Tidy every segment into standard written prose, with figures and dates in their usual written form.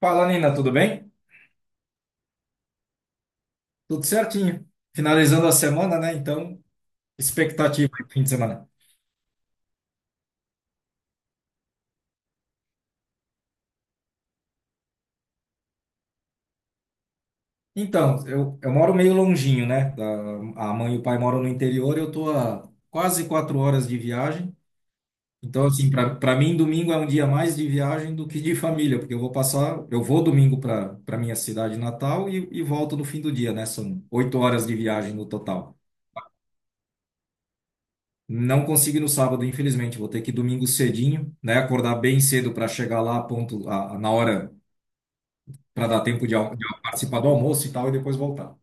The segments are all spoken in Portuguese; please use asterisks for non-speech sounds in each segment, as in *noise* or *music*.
Fala, Nina, tudo bem? Tudo certinho. Finalizando a semana, né? Então, expectativa aí pro fim de semana. Então, eu moro meio longinho, né? A mãe e o pai moram no interior, eu tô a quase 4 horas de viagem. Então, assim, para mim, domingo é um dia mais de viagem do que de família, porque eu vou domingo para minha cidade natal e volto no fim do dia, né? São 8 horas de viagem no total. Não consigo ir no sábado, infelizmente. Vou ter que ir domingo cedinho, né? Acordar bem cedo para chegar lá ponto, na hora, para dar tempo de, de participar do almoço e tal, e depois voltar.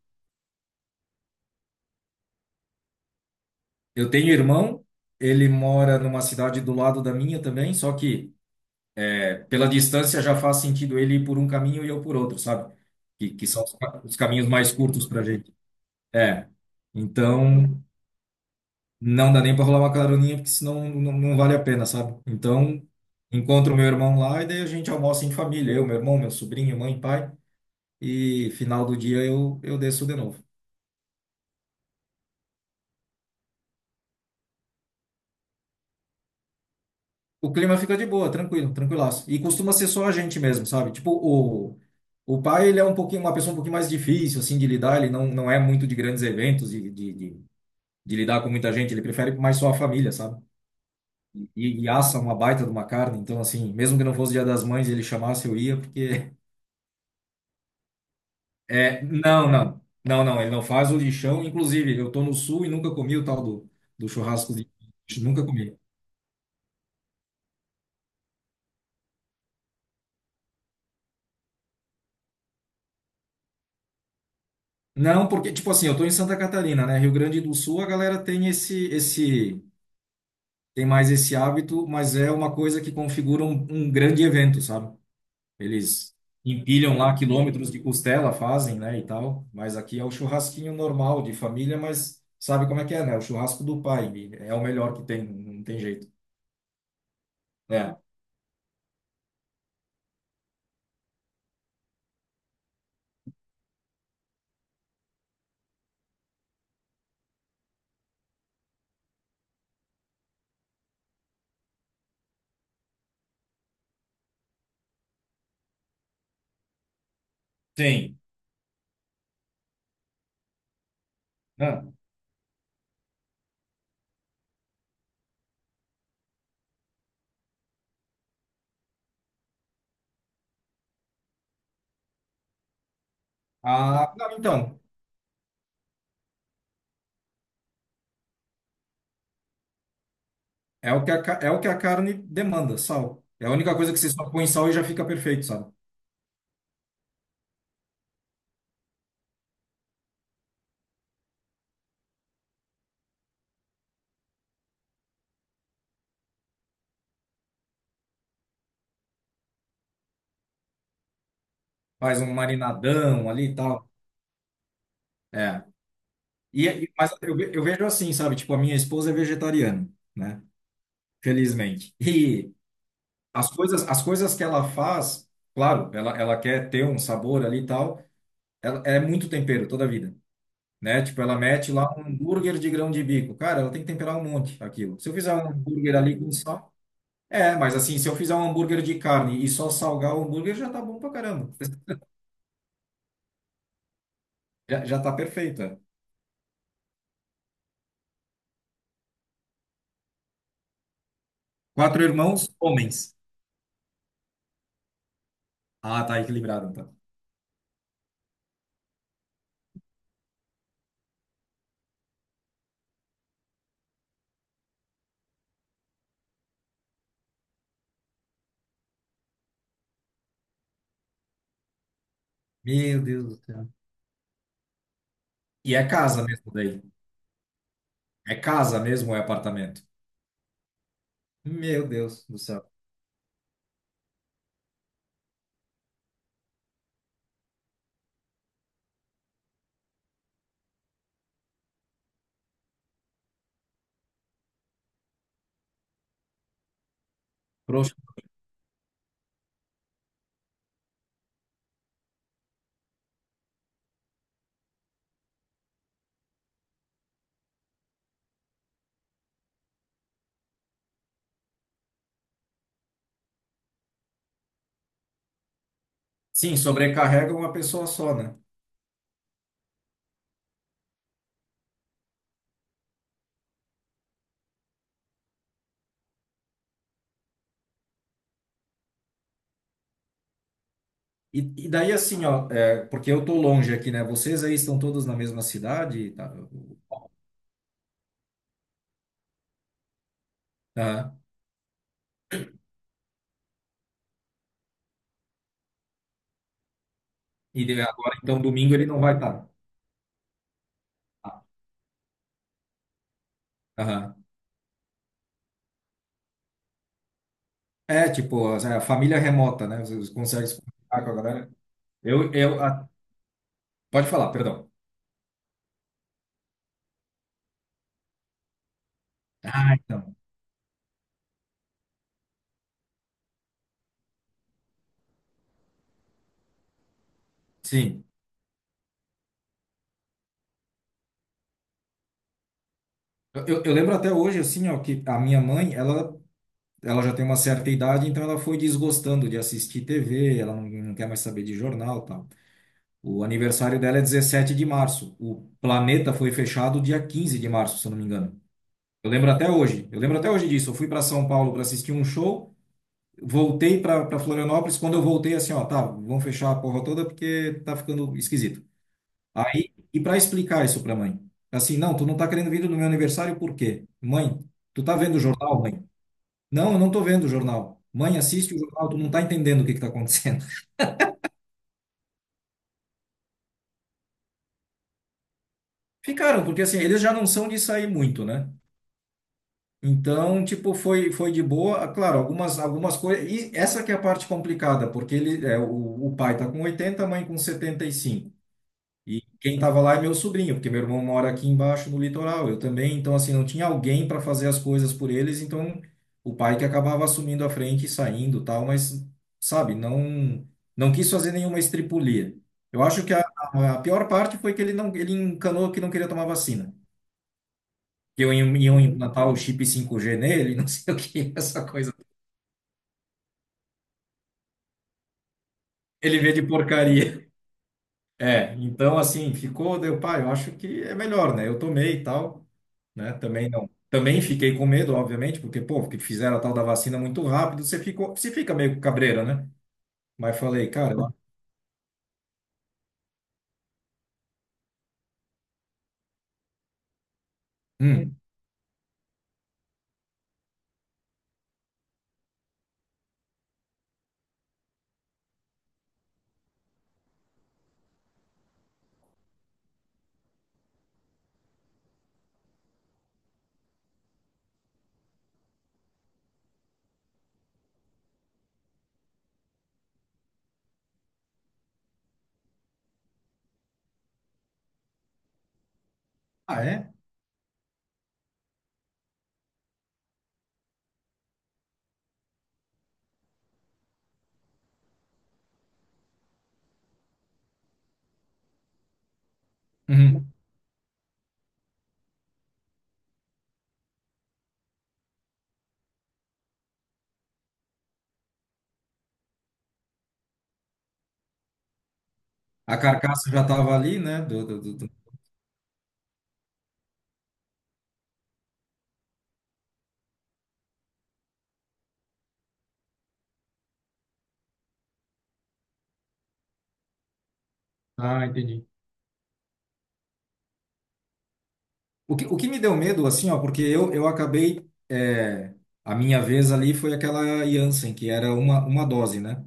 Eu tenho irmão, ele mora numa cidade do lado da minha também, só que pela distância já faz sentido ele ir por um caminho e eu por outro, sabe? Que são os caminhos mais curtos para gente. É. Então, não dá nem para rolar uma caroninha, porque senão não vale a pena, sabe? Então, encontro meu irmão lá e daí a gente almoça em família, eu, meu irmão, meu sobrinho, mãe, pai, e final do dia eu desço de novo. O clima fica de boa, tranquilo, tranquilaço. E costuma ser só a gente mesmo, sabe? Tipo, o pai, ele é um pouquinho, uma pessoa um pouquinho mais difícil, assim, de lidar, ele não é muito de grandes eventos, de lidar com muita gente, ele prefere mais só a família, sabe? E assa uma baita de uma carne, então, assim, mesmo que não fosse Dia das Mães, ele chamasse, eu ia, porque é, não, não. Não, não, ele não faz o lixão. Inclusive, eu tô no sul e nunca comi o tal do churrasco de lixo, nunca comi. Não, porque, tipo assim, eu tô em Santa Catarina, né? Rio Grande do Sul, a galera tem tem mais esse hábito, mas é uma coisa que configura um grande evento, sabe? Eles empilham lá quilômetros de costela, fazem, né, e tal. Mas aqui é o churrasquinho normal de família, mas sabe como é que é, né? O churrasco do pai. É o melhor que tem, não tem jeito. É. Sim. Ah, não, então, é o que a, ca- é o que a carne demanda, sal. É a única coisa que você só põe sal e já fica perfeito, sabe? Faz um marinadão ali e tal. É. Mas eu vejo assim, sabe? Tipo, a minha esposa é vegetariana, né? Felizmente. E as coisas que ela faz, claro, ela quer ter um sabor ali e tal, ela, é muito tempero toda a vida. Né? Tipo, ela mete lá um hambúrguer de grão de bico. Cara, ela tem que temperar um monte aquilo. Se eu fizer um hambúrguer ali com sal, é, mas assim, se eu fizer um hambúrguer de carne e só salgar o hambúrguer, já tá bom pra caramba. Já tá perfeito. É. Quatro irmãos, homens. Ah, tá equilibrado, então. Meu Deus do céu. E é casa mesmo daí. É casa mesmo ou é apartamento? Meu Deus do céu. Proxa. Sim, sobrecarrega uma pessoa só, né? E daí assim, ó, porque eu tô longe aqui, né? Vocês aí estão todos na mesma cidade, tá? Aham. Agora, então, domingo ele não vai estar. É, tipo, é a família remota, né? Você consegue se comunicar com a galera. Eu, eu, a- Pode falar, perdão. Ah, então. Sim. Eu lembro até hoje, assim, ó, que a minha mãe, ela já tem uma certa idade, então ela foi desgostando de assistir TV, ela não quer mais saber de jornal, e tal. O aniversário dela é 17 de março. O planeta foi fechado dia 15 de março, se eu não me engano. Eu lembro até hoje. Eu lembro até hoje disso. Eu fui para São Paulo para assistir um show. Voltei para Florianópolis. Quando eu voltei, assim, ó, tá, vamos fechar a porra toda porque tá ficando esquisito. Aí, e para explicar isso para mãe? Assim, não, tu não tá querendo vir no meu aniversário por quê? Mãe, tu tá vendo o jornal, mãe? Não, eu não tô vendo o jornal. Mãe, assiste o jornal, tu não tá entendendo o que que tá acontecendo. *laughs* Ficaram, porque assim, eles já não são de sair muito, né? Então, tipo, foi de boa. Ah, claro, algumas coisas. E essa que é a parte complicada, porque o pai tá com 80, a mãe com 75. E quem estava lá é meu sobrinho, porque meu irmão mora aqui embaixo no litoral, eu também. Então, assim, não tinha alguém para fazer as coisas por eles, então o pai que acabava assumindo a frente e saindo, tal, mas, sabe, não não quis fazer nenhuma estripulia. Eu acho que a pior parte foi que ele não ele encanou que não queria tomar vacina. Que eu iam implantar o chip 5G nele, *laughs* não sei o que, essa coisa. Ele vê de porcaria. É, então assim, ficou, deu, pai, eu acho que é melhor, né? Eu tomei e tal. Né? Também não. Também fiquei com medo, obviamente, porque, pô, que fizeram a tal da vacina muito rápido, você fica meio cabreira, né? Mas falei, cara, hum, ah, é? Uhum. A carcaça já tava ali, né? Ah, entendi. O que me deu medo, assim, ó, porque eu acabei, a minha vez ali foi aquela Janssen, que era uma dose, né?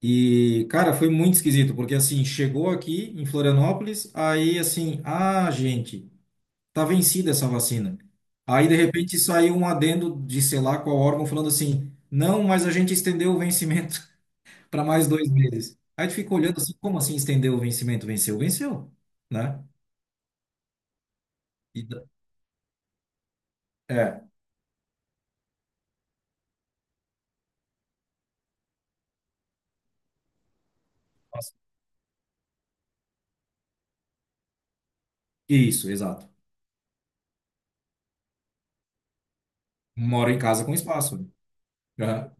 E, cara, foi muito esquisito, porque, assim, chegou aqui em Florianópolis, aí, assim, ah, gente, tá vencida essa vacina. Aí, de repente, saiu um adendo de sei lá qual órgão falando assim: não, mas a gente estendeu o vencimento *laughs* para mais 2 meses. Aí tu fica olhando assim: como assim estendeu o vencimento? Venceu, venceu, né? E da- é, isso, exato. Moro em casa com espaço. Né? Aham.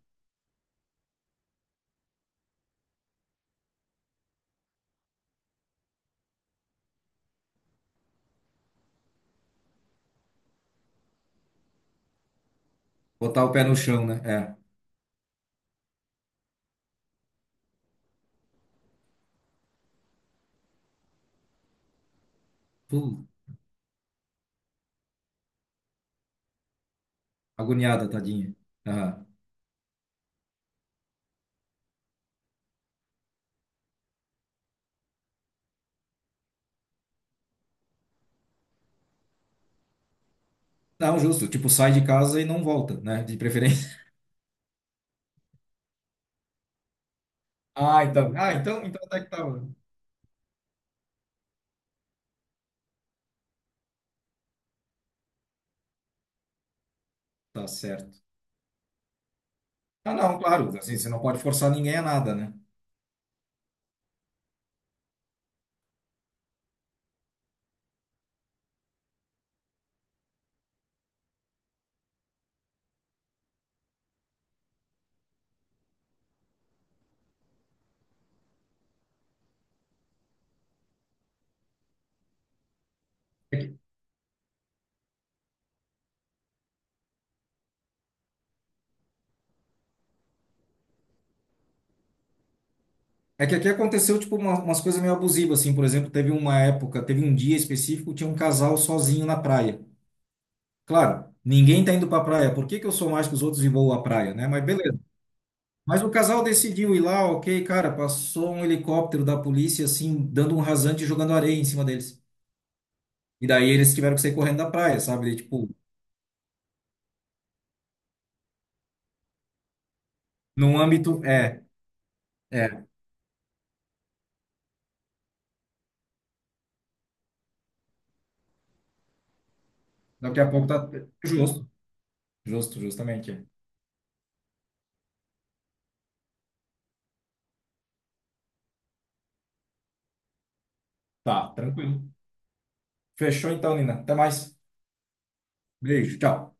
Botar o pé no chão, né? É. Puh, agoniada, tadinha. Aham. Não, justo. Tipo, sai de casa e não volta, né? De preferência. *laughs* Ah, então. Ah, então até que tá. Tá certo. Ah, não, claro, assim, você não pode forçar ninguém a nada, né? É que, é que aqui aconteceu, tipo, umas coisas meio abusivas, assim, por exemplo, teve uma época, teve um dia específico, tinha um casal sozinho na praia. Claro, ninguém tá indo pra praia, por que que eu sou mais que os outros e vou à praia, né? Mas beleza. Mas o casal decidiu ir lá, ok, cara, passou um helicóptero da polícia, assim, dando um rasante e jogando areia em cima deles. E daí eles tiveram que sair correndo da praia, sabe? E, tipo, num âmbito, é, daqui a pouco tá justo, justo, justamente. É. Tá, tranquilo. Fechou então, Nina. Até mais. Beijo. Tchau.